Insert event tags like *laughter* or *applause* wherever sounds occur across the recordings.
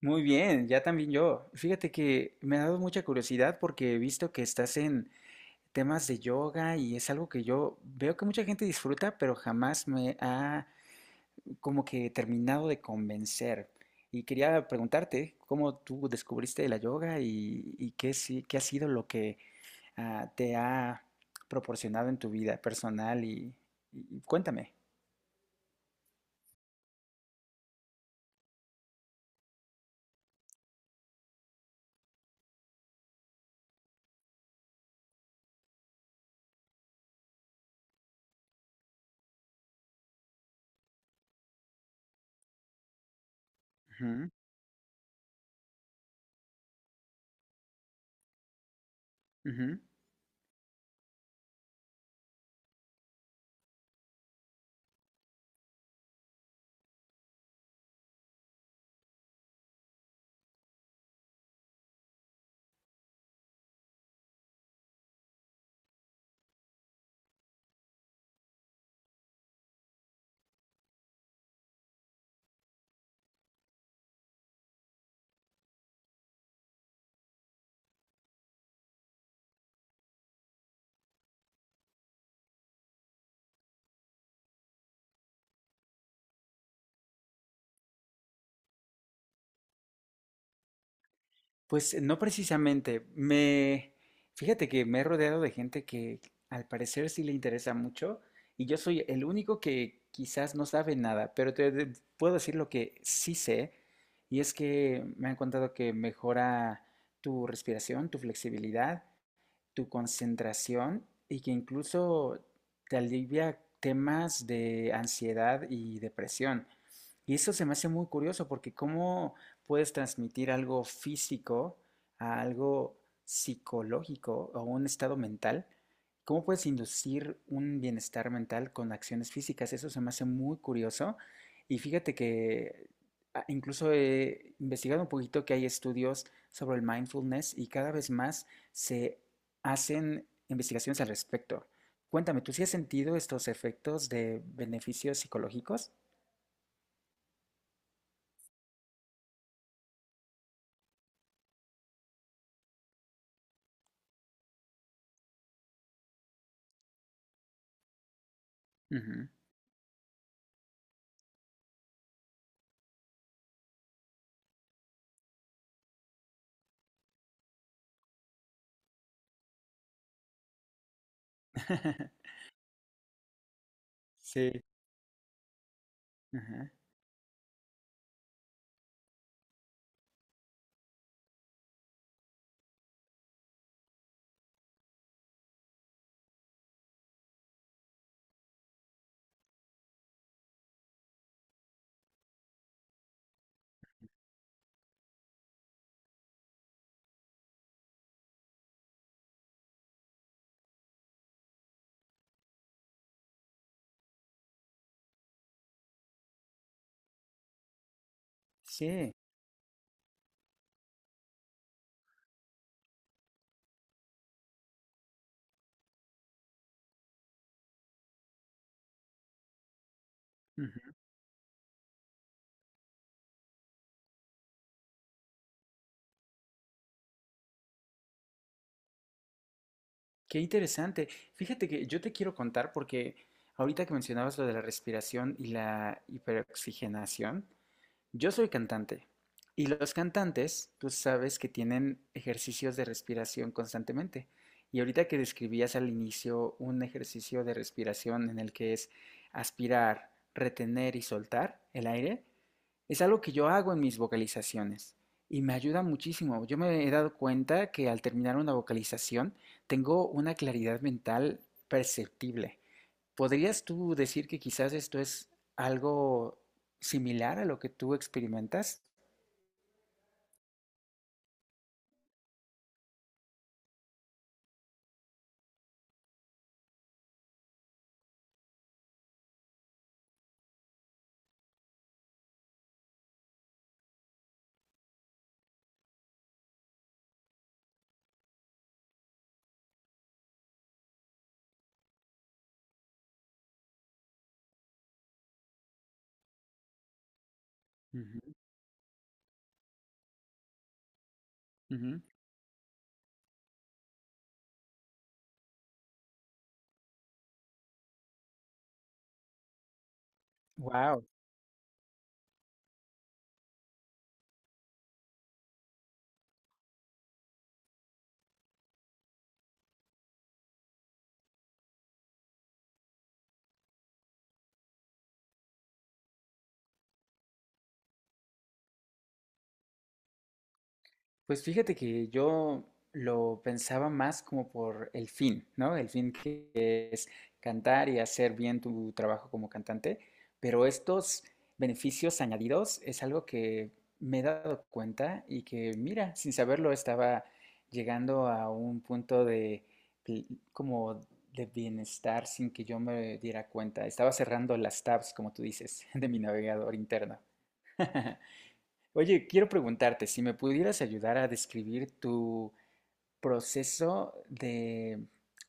Muy bien, ya también yo. Fíjate que me ha dado mucha curiosidad porque he visto que estás en temas de yoga y es algo que yo veo que mucha gente disfruta, pero jamás me ha como que terminado de convencer. Y quería preguntarte cómo tú descubriste la yoga y qué, qué ha sido lo que te ha proporcionado en tu vida personal y cuéntame. Ujú, ujú. Pues no precisamente. Fíjate que me he rodeado de gente que al parecer sí le interesa mucho y yo soy el único que quizás no sabe nada, pero puedo decir lo que sí sé y es que me han contado que mejora tu respiración, tu flexibilidad, tu concentración y que incluso te alivia temas de ansiedad y depresión. Y eso se me hace muy curioso porque cómo puedes transmitir algo físico a algo psicológico o un estado mental, cómo puedes inducir un bienestar mental con acciones físicas. Eso se me hace muy curioso. Y fíjate que incluso he investigado un poquito que hay estudios sobre el mindfulness y cada vez más se hacen investigaciones al respecto. Cuéntame, ¿tú sí has sentido estos efectos de beneficios psicológicos? Ujú. *laughs* Sí, ajá, sí, ujú. Qué interesante. Fíjate que yo te quiero contar porque ahorita que mencionabas lo de la respiración y la hiperoxigenación, yo soy cantante y los cantantes, tú sabes que tienen ejercicios de respiración constantemente. Y ahorita que describías al inicio un ejercicio de respiración en el que es aspirar, retener y soltar el aire, es algo que yo hago en mis vocalizaciones y me ayuda muchísimo. Yo me he dado cuenta que al terminar una vocalización tengo una claridad mental perceptible. ¿Podrías tú decir que quizás esto es algo similar a lo que tú experimentas? Wow. Pues fíjate que yo lo pensaba más como por el fin, ¿no? El fin que es cantar y hacer bien tu trabajo como cantante, pero estos beneficios añadidos es algo que me he dado cuenta y que, mira, sin saberlo estaba llegando a un punto de pl- como de bienestar sin que yo me diera cuenta. Estaba cerrando las tabs, como tú dices, *laughs* de mi navegador interno. *laughs* Oye, quiero preguntarte si me pudieras ayudar a describir tu proceso de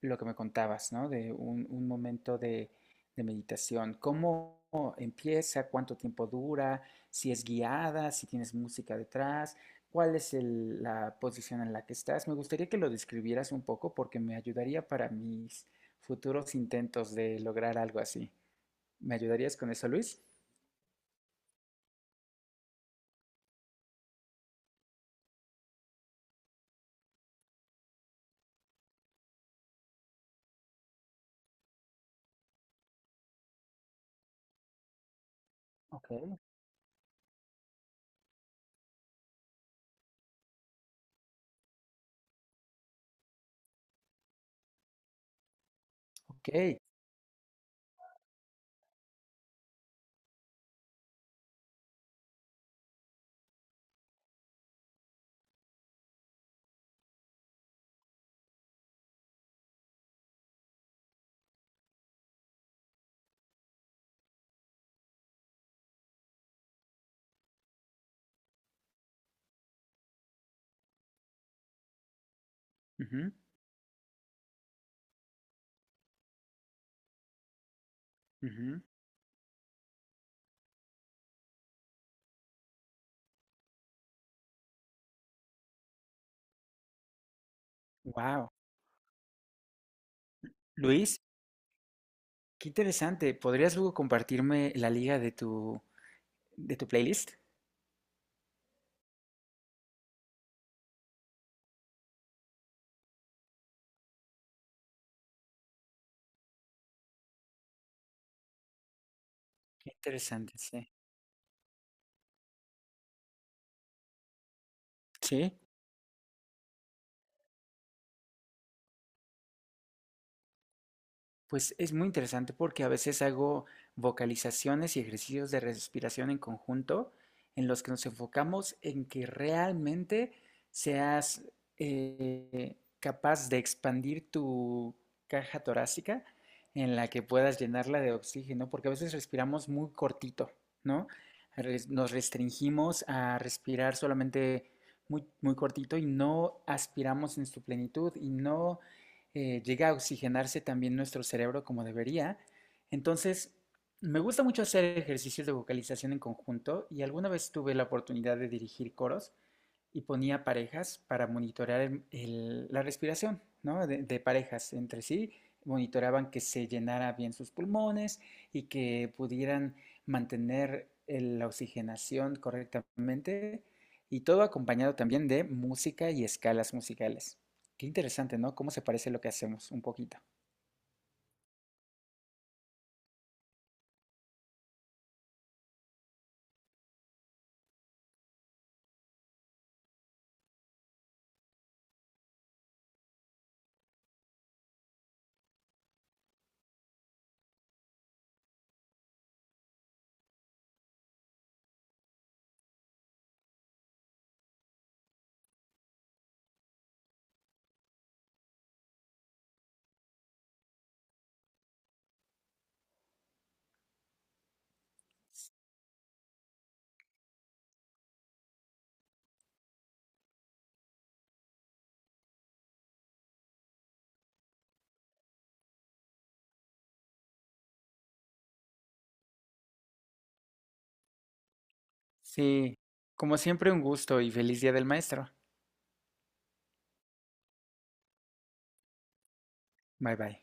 lo que me contabas, ¿no? De un momento de meditación. ¿Cómo empieza? ¿Cuánto tiempo dura? ¿Si es guiada? ¿Si tienes música detrás? ¿Cuál es la posición en la que estás? Me gustaría que lo describieras un poco porque me ayudaría para mis futuros intentos de lograr algo así. ¿Me ayudarías con eso, Luis? Ok. Ok. Wow. Luis, qué interesante. ¿Podrías luego compartirme la liga de tu playlist? Qué interesante, sí. Sí. Pues es muy interesante porque a veces hago vocalizaciones y ejercicios de respiración en conjunto en los que nos enfocamos en que realmente seas capaz de expandir tu caja torácica en la que puedas llenarla de oxígeno, porque a veces respiramos muy cortito, ¿no? Nos restringimos a respirar solamente muy, muy cortito y no aspiramos en su plenitud y no llega a oxigenarse también nuestro cerebro como debería. Entonces, me gusta mucho hacer ejercicios de vocalización en conjunto y alguna vez tuve la oportunidad de dirigir coros y ponía parejas para monitorear la respiración, ¿no? De parejas entre sí, monitoreaban que se llenara bien sus pulmones y que pudieran mantener la oxigenación correctamente y todo acompañado también de música y escalas musicales. Qué interesante, ¿no? Cómo se parece lo que hacemos un poquito. Sí, como siempre un gusto y feliz Día del Maestro. Bye bye.